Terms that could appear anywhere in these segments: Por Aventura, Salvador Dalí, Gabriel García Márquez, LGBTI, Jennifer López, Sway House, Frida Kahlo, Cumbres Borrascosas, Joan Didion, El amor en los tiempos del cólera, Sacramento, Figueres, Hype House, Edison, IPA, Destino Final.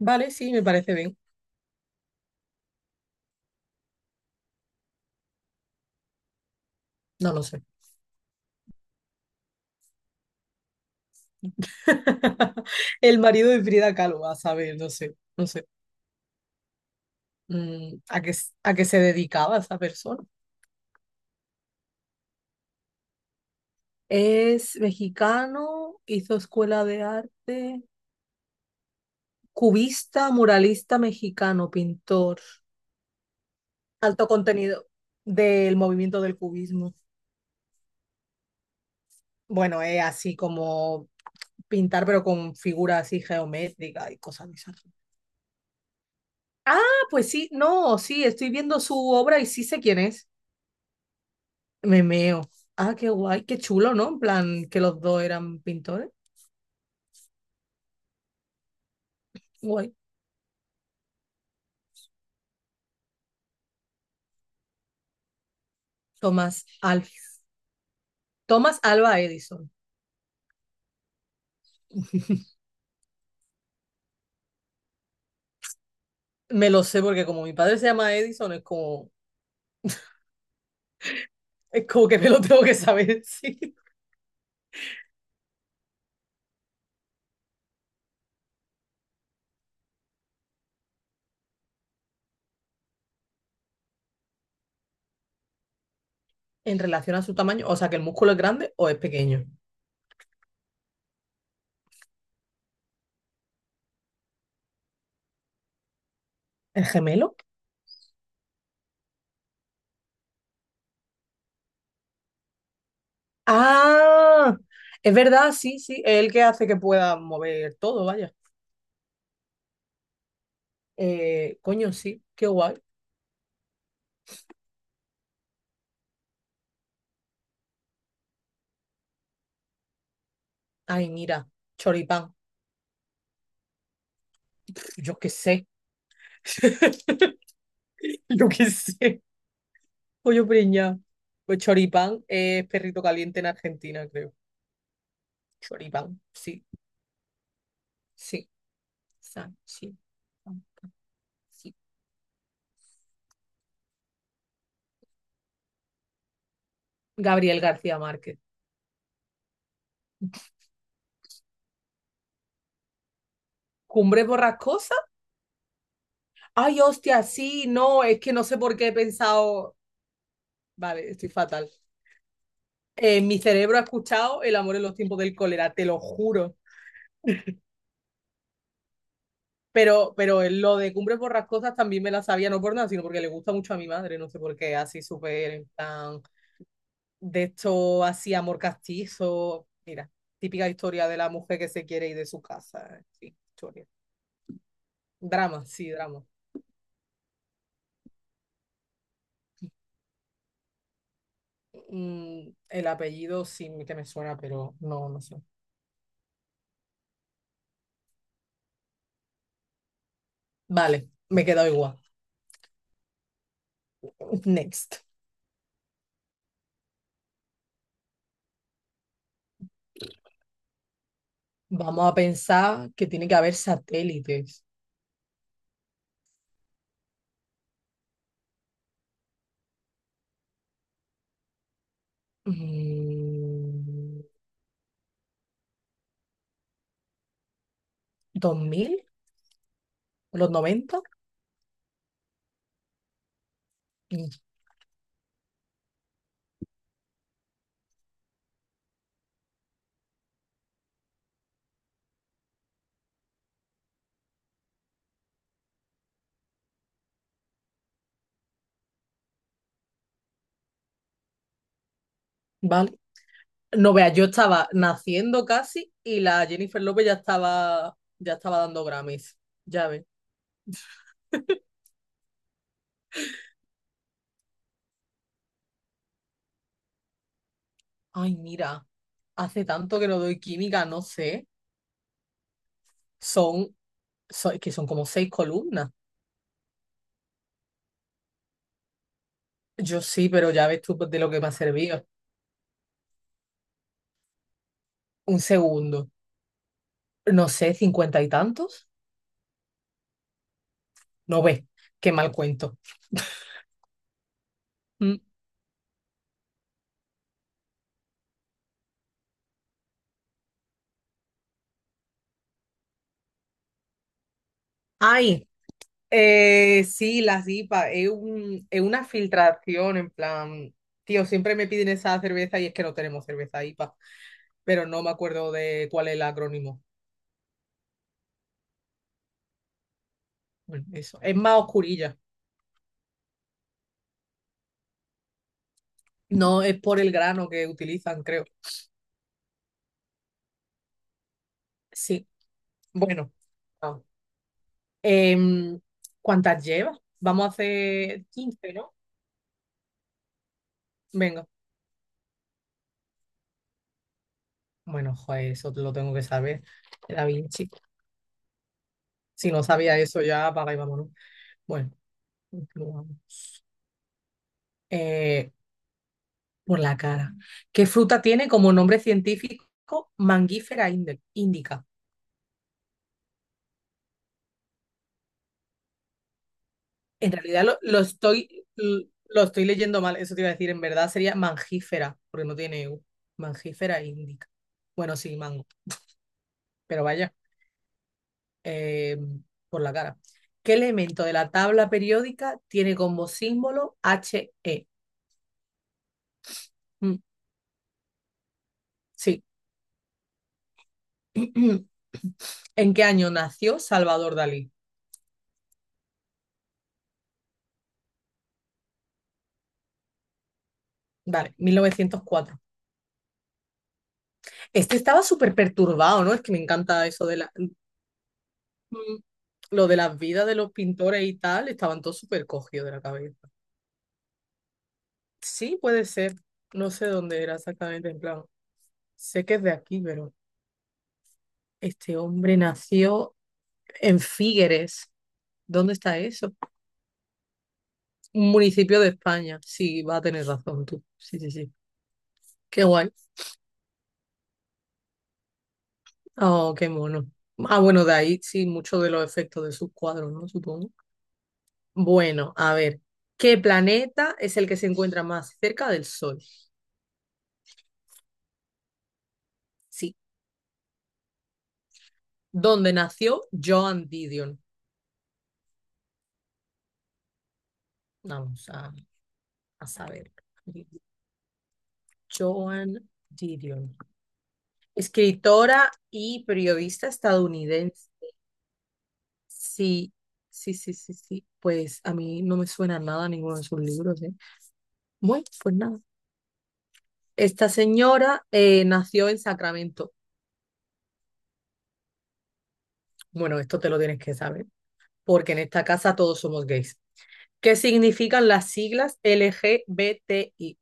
Vale, sí, me parece bien. No lo sé. El marido de Frida Kahlo, a saber, no sé, no sé. ¿A qué, a qué se dedicaba esa persona? Es mexicano, hizo escuela de arte, cubista, muralista mexicano, pintor. Alto contenido del movimiento del cubismo. Bueno, es así como pintar, pero con figuras así geométricas y cosas de esas. Ah, pues sí, no, sí, estoy viendo su obra y sí sé quién es. Me meo. Ah, qué guay, qué chulo, ¿no? En plan, que los dos eran pintores. Guay. Tomás Alf. Tomás Alba Edison. Me lo sé porque como mi padre se llama Edison, es como que me lo tengo que saber, sí. En relación a su tamaño, o sea, que el músculo es grande o es pequeño. ¿El gemelo? Ah, es verdad, sí, sí. Es el que hace que pueda mover todo, vaya. Coño, sí, qué guay. Ay, mira, choripán. Yo qué sé. Yo qué sé. Pollo preñado. Pues choripán es perrito caliente en Argentina, creo. Choripán, sí, sí, san, sí, san, sí. Gabriel García Márquez. ¿Cumbre borrascosa? Ay, hostia, sí, no, es que no sé por qué he pensado. Vale, estoy fatal. Mi cerebro ha escuchado El amor en los tiempos del cólera, te lo juro. Pero lo de Cumbres Borrascosas también me la sabía, no por nada, sino porque le gusta mucho a mi madre, no sé por qué, así súper en plan. De esto así amor castizo, mira, típica historia de la mujer que se quiere ir de su casa, sí, historia. Drama, sí, drama. El apellido sí que me suena, pero no, no sé. Vale, me he quedado igual. Next. Vamos a pensar que tiene que haber satélites. Mm, ¿2000? ¿Los noventa? Mm. Vale. No veas, yo estaba naciendo casi y la Jennifer López ya estaba dando Grammys. Ya ves. Ay, mira, hace tanto que no doy química, no sé. Son, es que son como seis columnas. Yo sí, pero ya ves tú de lo que me ha servido. Un segundo. No sé, cincuenta y tantos. No ves, qué mal cuento. Mm. Ay, sí, las IPA, es una filtración, en plan, tío, siempre me piden esa cerveza y es que no tenemos cerveza IPA, pero no me acuerdo de cuál es el acrónimo. Bueno, eso, es más oscurilla. No, es por el grano que utilizan, creo. Sí, bueno, vamos. Em, ¿Cuántas llevas? Vamos a hacer 15, ¿no? Venga. Bueno, joder, eso lo tengo que saber. Era bien chico. Si no sabía eso, ya apaga y vámonos. Bueno, continuamos. Eh, por la cara. ¿Qué fruta tiene como nombre científico Mangifera indica? En realidad lo estoy leyendo mal, eso te iba a decir. En verdad sería mangífera, porque no tiene U. Mangífera indica. Bueno, sí, mango. Pero vaya. eh, por la cara. ¿Qué elemento de la tabla periódica tiene como símbolo HE? Mm, sí. ¿En qué año nació Salvador Dalí? Vale, 1904. Este estaba súper perturbado, ¿no? Es que me encanta eso de la... Mm, Lo de las vidas de los pintores y tal, estaban todos súper cogidos de la cabeza. Sí, puede ser. No sé dónde era exactamente, en plan. Sé que es de aquí, pero este hombre nació en Figueres. ¿Dónde está eso? Un municipio de España. Sí, va a tener razón tú. Sí, sí, sí. Qué guay. Oh, qué mono. Ah, bueno, de ahí sí, muchos de los efectos de sus cuadros, ¿no? Supongo. Bueno, a ver. ¿Qué planeta es el que se encuentra más cerca del Sol? Sí. ¿Dónde nació Joan Didion? Vamos a saber. Joan Didion. Escritora y periodista estadounidense. Sí, sí, sí, sí, sí. Pues a mí no me suena nada ninguno de sus libros, ¿eh? Bueno, pues nada. Esta señora nació en Sacramento. Bueno, esto te lo tienes que saber, porque en esta casa todos somos gays. ¿Qué significan las siglas LGBTI?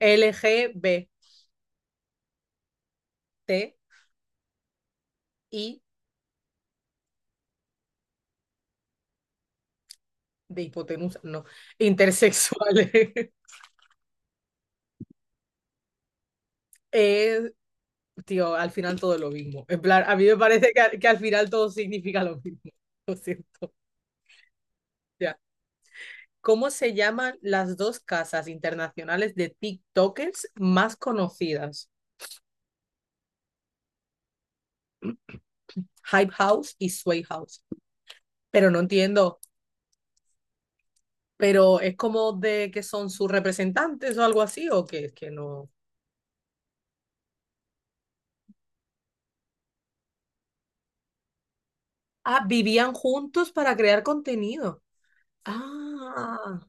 LGBTI de hipotenusa, no, intersexuales. Es, tío, al final todo es lo mismo. En plan, a mí me parece que, que al final todo significa lo mismo. Lo siento. Ya. ¿Cómo se llaman las dos casas internacionales de TikTokers más conocidas? Hype House y Sway House. Pero no entiendo, pero es como de que son sus representantes o algo así, o que es que no. Ah, vivían juntos para crear contenido. Ah,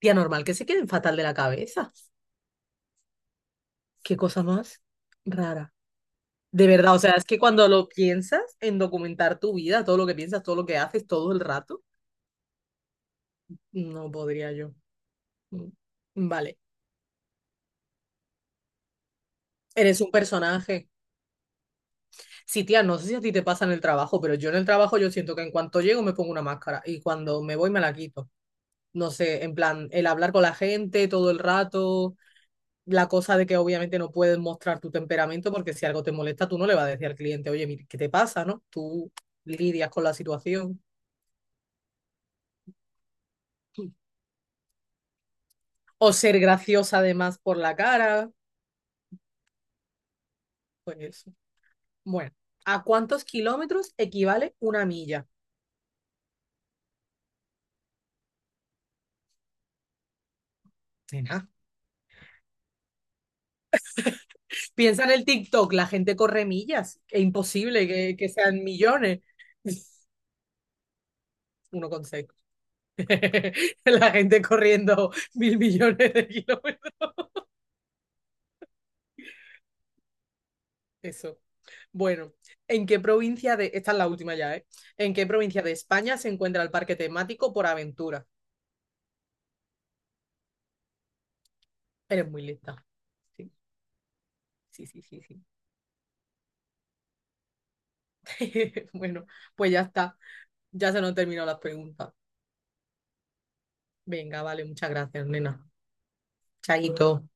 tía, normal que se queden fatal de la cabeza. Qué cosa más rara. De verdad, o sea, es que cuando lo piensas en documentar tu vida, todo lo que piensas, todo lo que haces, todo el rato, no podría yo. Mm. Vale, eres un personaje. Sí, tía, no sé si a ti te pasa en el trabajo, pero yo en el trabajo yo siento que en cuanto llego me pongo una máscara y cuando me voy me la quito. No sé, en plan, el hablar con la gente todo el rato, la cosa de que obviamente no puedes mostrar tu temperamento porque si algo te molesta tú no le vas a decir al cliente, oye, mire, ¿qué te pasa, no? Tú lidias con la situación. O ser graciosa además por la cara, pues eso. Bueno, ¿a cuántos kilómetros equivale una milla? Nena, piensa en el TikTok, la gente corre millas. Es imposible que, sean millones. 1,6. La gente corriendo mil millones de kilómetros. Eso. Bueno, ¿en qué provincia de... Esta es la última ya, ¿eh? ¿En qué provincia de España se encuentra el parque temático Por Aventura? Eres muy lista. Sí, sí, sí, sí, sí. Bueno, pues ya está. Ya se nos terminó las preguntas. Venga, vale, muchas gracias, nena. Chaito.